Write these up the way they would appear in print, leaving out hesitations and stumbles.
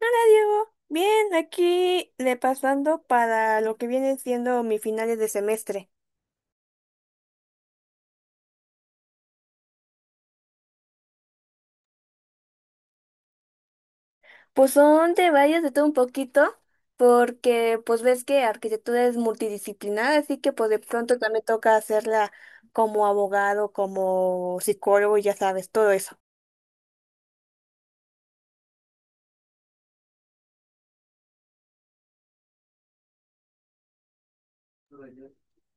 Hola Diego, bien, aquí repasando para lo que viene siendo mis finales de semestre. Pues son de varias, de todo un poquito, porque pues ves que arquitectura es multidisciplinar, así que pues de pronto también toca hacerla como abogado, como psicólogo, y ya sabes, todo eso.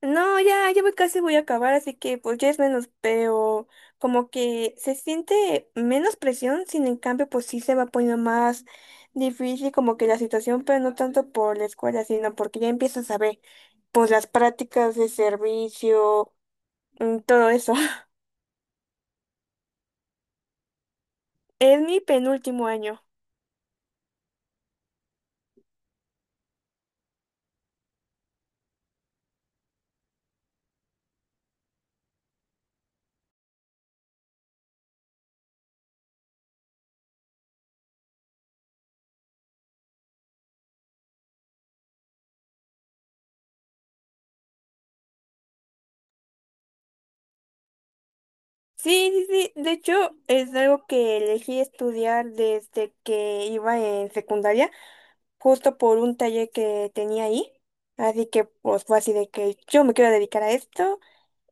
No, ya voy, casi voy a acabar, así que pues ya es menos, pero como que se siente menos presión, sin en cambio pues sí se va poniendo más difícil como que la situación, pero no tanto por la escuela, sino porque ya empiezas a ver pues las prácticas de servicio, todo eso. Es mi penúltimo año. Sí, sí, sí, de hecho es algo que elegí estudiar desde que iba en secundaria, justo por un taller que tenía ahí. Así que pues fue así de que yo me quiero dedicar a esto.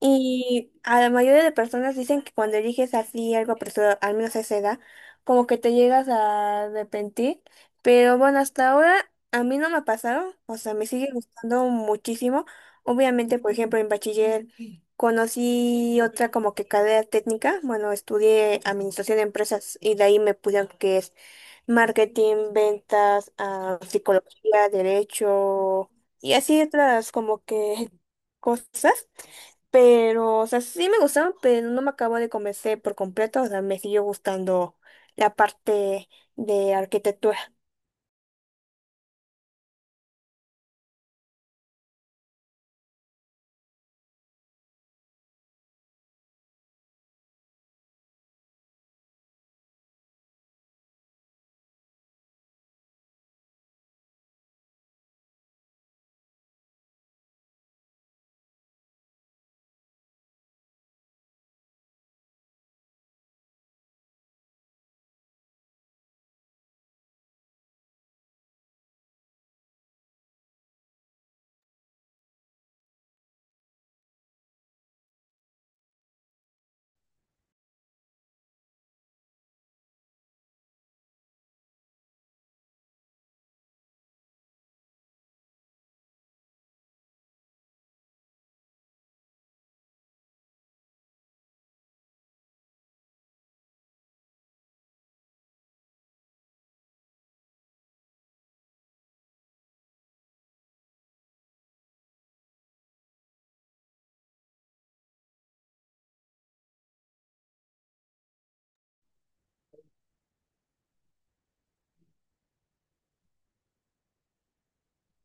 Y a la mayoría de personas dicen que cuando eliges así algo apresurado, al menos a esa edad, como que te llegas a arrepentir. Pero bueno, hasta ahora a mí no me ha pasado. O sea, me sigue gustando muchísimo. Obviamente, por ejemplo, en bachiller conocí otra como que carrera técnica. Bueno, estudié administración de empresas y de ahí me puse que es marketing, ventas, psicología, derecho y así otras como que cosas. Pero, o sea, sí me gustaron, pero no me acabo de convencer por completo. O sea, me siguió gustando la parte de arquitectura.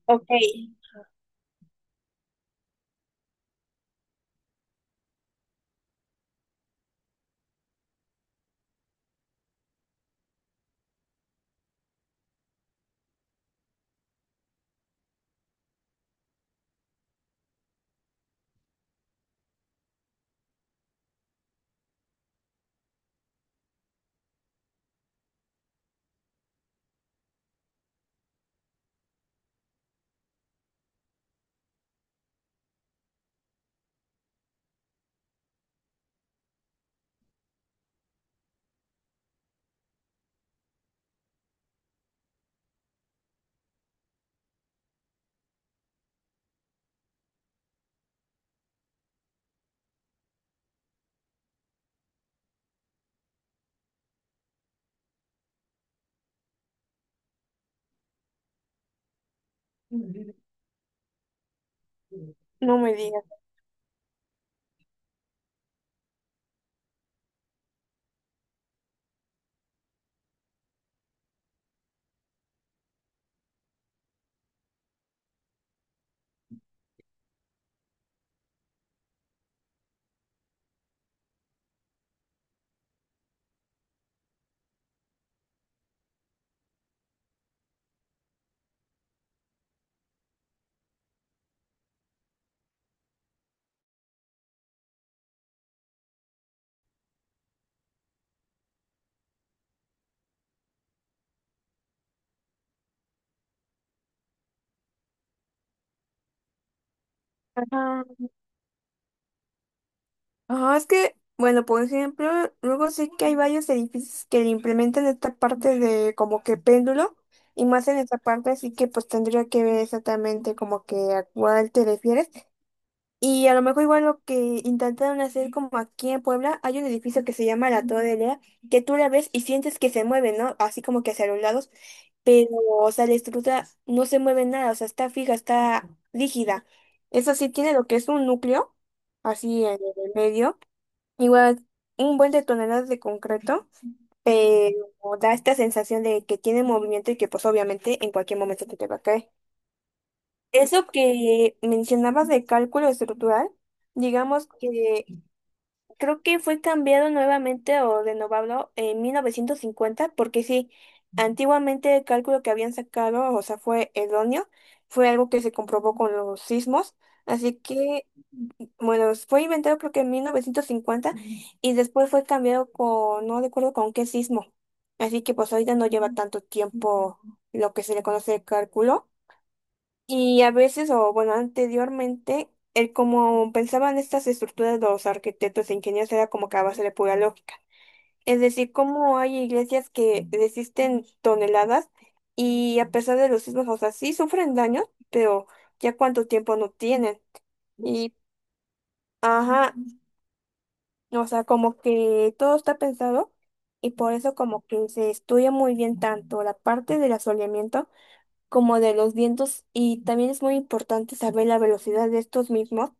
Ok, no me digas. Ajá. Ajá, es que, bueno, por ejemplo, luego sí que hay varios edificios que le implementan esta parte de como que péndulo. Y más en esta parte, así que pues tendría que ver exactamente como que a cuál te refieres. Y a lo mejor igual lo que intentaron hacer como aquí en Puebla, hay un edificio que se llama la Torre Lea, que tú la ves y sientes que se mueve, ¿no? Así como que hacia los lados, pero, o sea, la estructura no se mueve nada, o sea, está fija, está rígida. Eso sí tiene lo que es un núcleo, así en el medio, igual un buen de toneladas de concreto, pero da esta sensación de que tiene movimiento y que pues obviamente en cualquier momento te va a caer. Eso que mencionabas de cálculo estructural, digamos que creo que fue cambiado nuevamente o renovado en 1950, porque sí, antiguamente el cálculo que habían sacado, o sea, fue erróneo, fue algo que se comprobó con los sismos, así que, bueno, fue inventado creo que en 1950 y después fue cambiado con, no recuerdo con qué sismo, así que pues ahorita no lleva tanto tiempo lo que se le conoce de cálculo. Y a veces, o bueno, anteriormente, el como pensaban estas estructuras los arquitectos e ingenieros era como que a base de pura lógica. Es decir, como hay iglesias que resisten toneladas y a pesar de los sismos, o sea, sí sufren daños, pero ya cuánto tiempo no tienen. Y, ajá, o sea, como que todo está pensado y por eso como que se estudia muy bien tanto la parte del asoleamiento como de los vientos y también es muy importante saber la velocidad de estos mismos,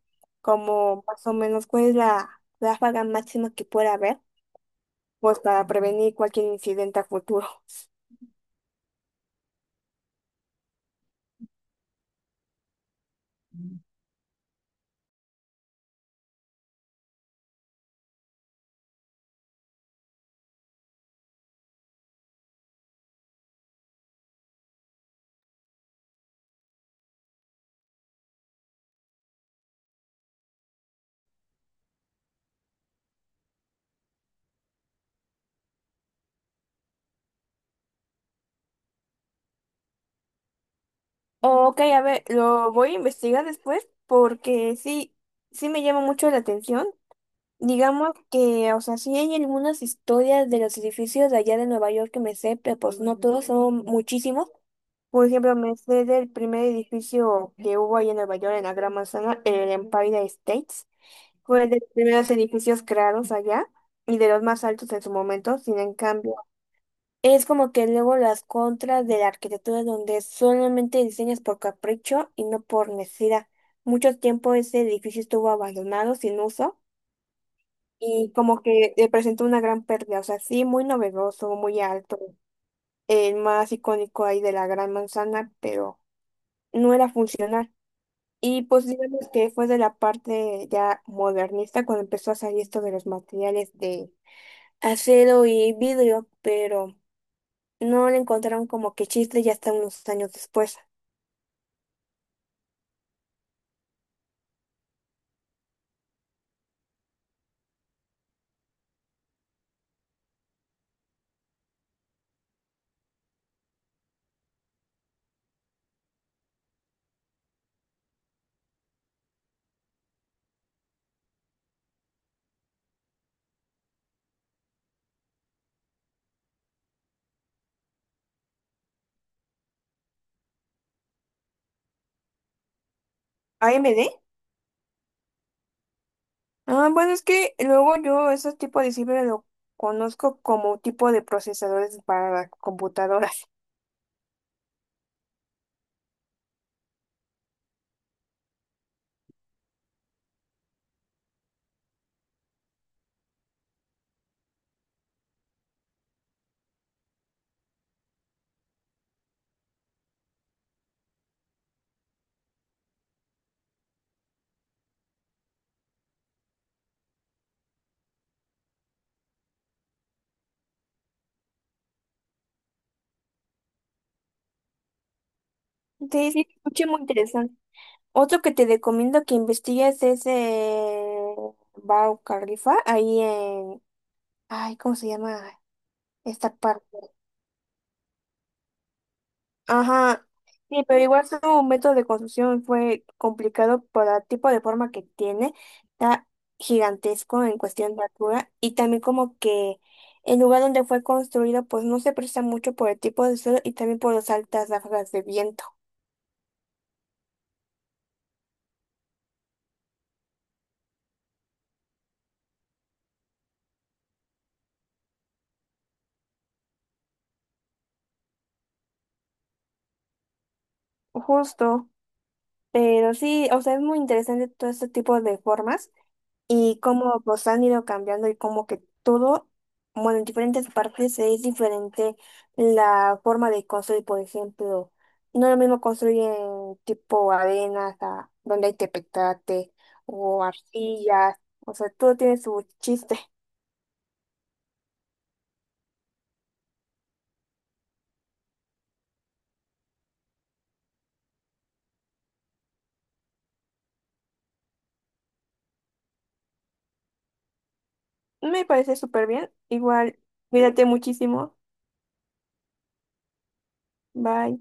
como más o menos cuál es la ráfaga máxima que pueda haber, pues para prevenir cualquier incidente a futuro. Ok, a ver, lo voy a investigar después porque sí, sí me llama mucho la atención. Digamos que, o sea, sí hay algunas historias de los edificios de allá de Nueva York que me sé, pero pues no todos, son muchísimos. Por ejemplo, me sé del primer edificio que hubo ahí en Nueva York, en la Gran Manzana, el Empire States. Fue de los primeros edificios creados allá y de los más altos en su momento. Sin en cambio, es como que luego las contras de la arquitectura donde solamente diseñas por capricho y no por necesidad. Mucho tiempo ese edificio estuvo abandonado, sin uso, y como que presentó una gran pérdida. O sea, sí, muy novedoso, muy alto, el más icónico ahí de la Gran Manzana, pero no era funcional. Y pues digamos que fue de la parte ya modernista cuando empezó a salir esto de los materiales de acero y vidrio, pero no le encontraron como que chiste ya hasta unos años después. AMD. Ah, bueno, es que luego yo ese tipo de ciber lo conozco como tipo de procesadores para computadoras. Sí, sí, escuché muy interesante. Otro que te recomiendo que investigues es Bau Khalifa, ahí en... Ay, ¿cómo se llama esta parte? Ajá, sí, pero igual su método de construcción fue complicado por el tipo de forma que tiene, está gigantesco en cuestión de altura y también como que el lugar donde fue construido pues no se presta mucho por el tipo de suelo y también por las altas ráfagas de viento. Justo, pero sí, o sea, es muy interesante todo este tipo de formas y cómo pues han ido cambiando y como que todo, bueno, en diferentes partes es diferente la forma de construir, por ejemplo, no es lo mismo construir en tipo arenas, a- donde hay tepetate o arcillas, o sea, todo tiene su chiste. Me parece súper bien, igual, cuídate muchísimo, bye.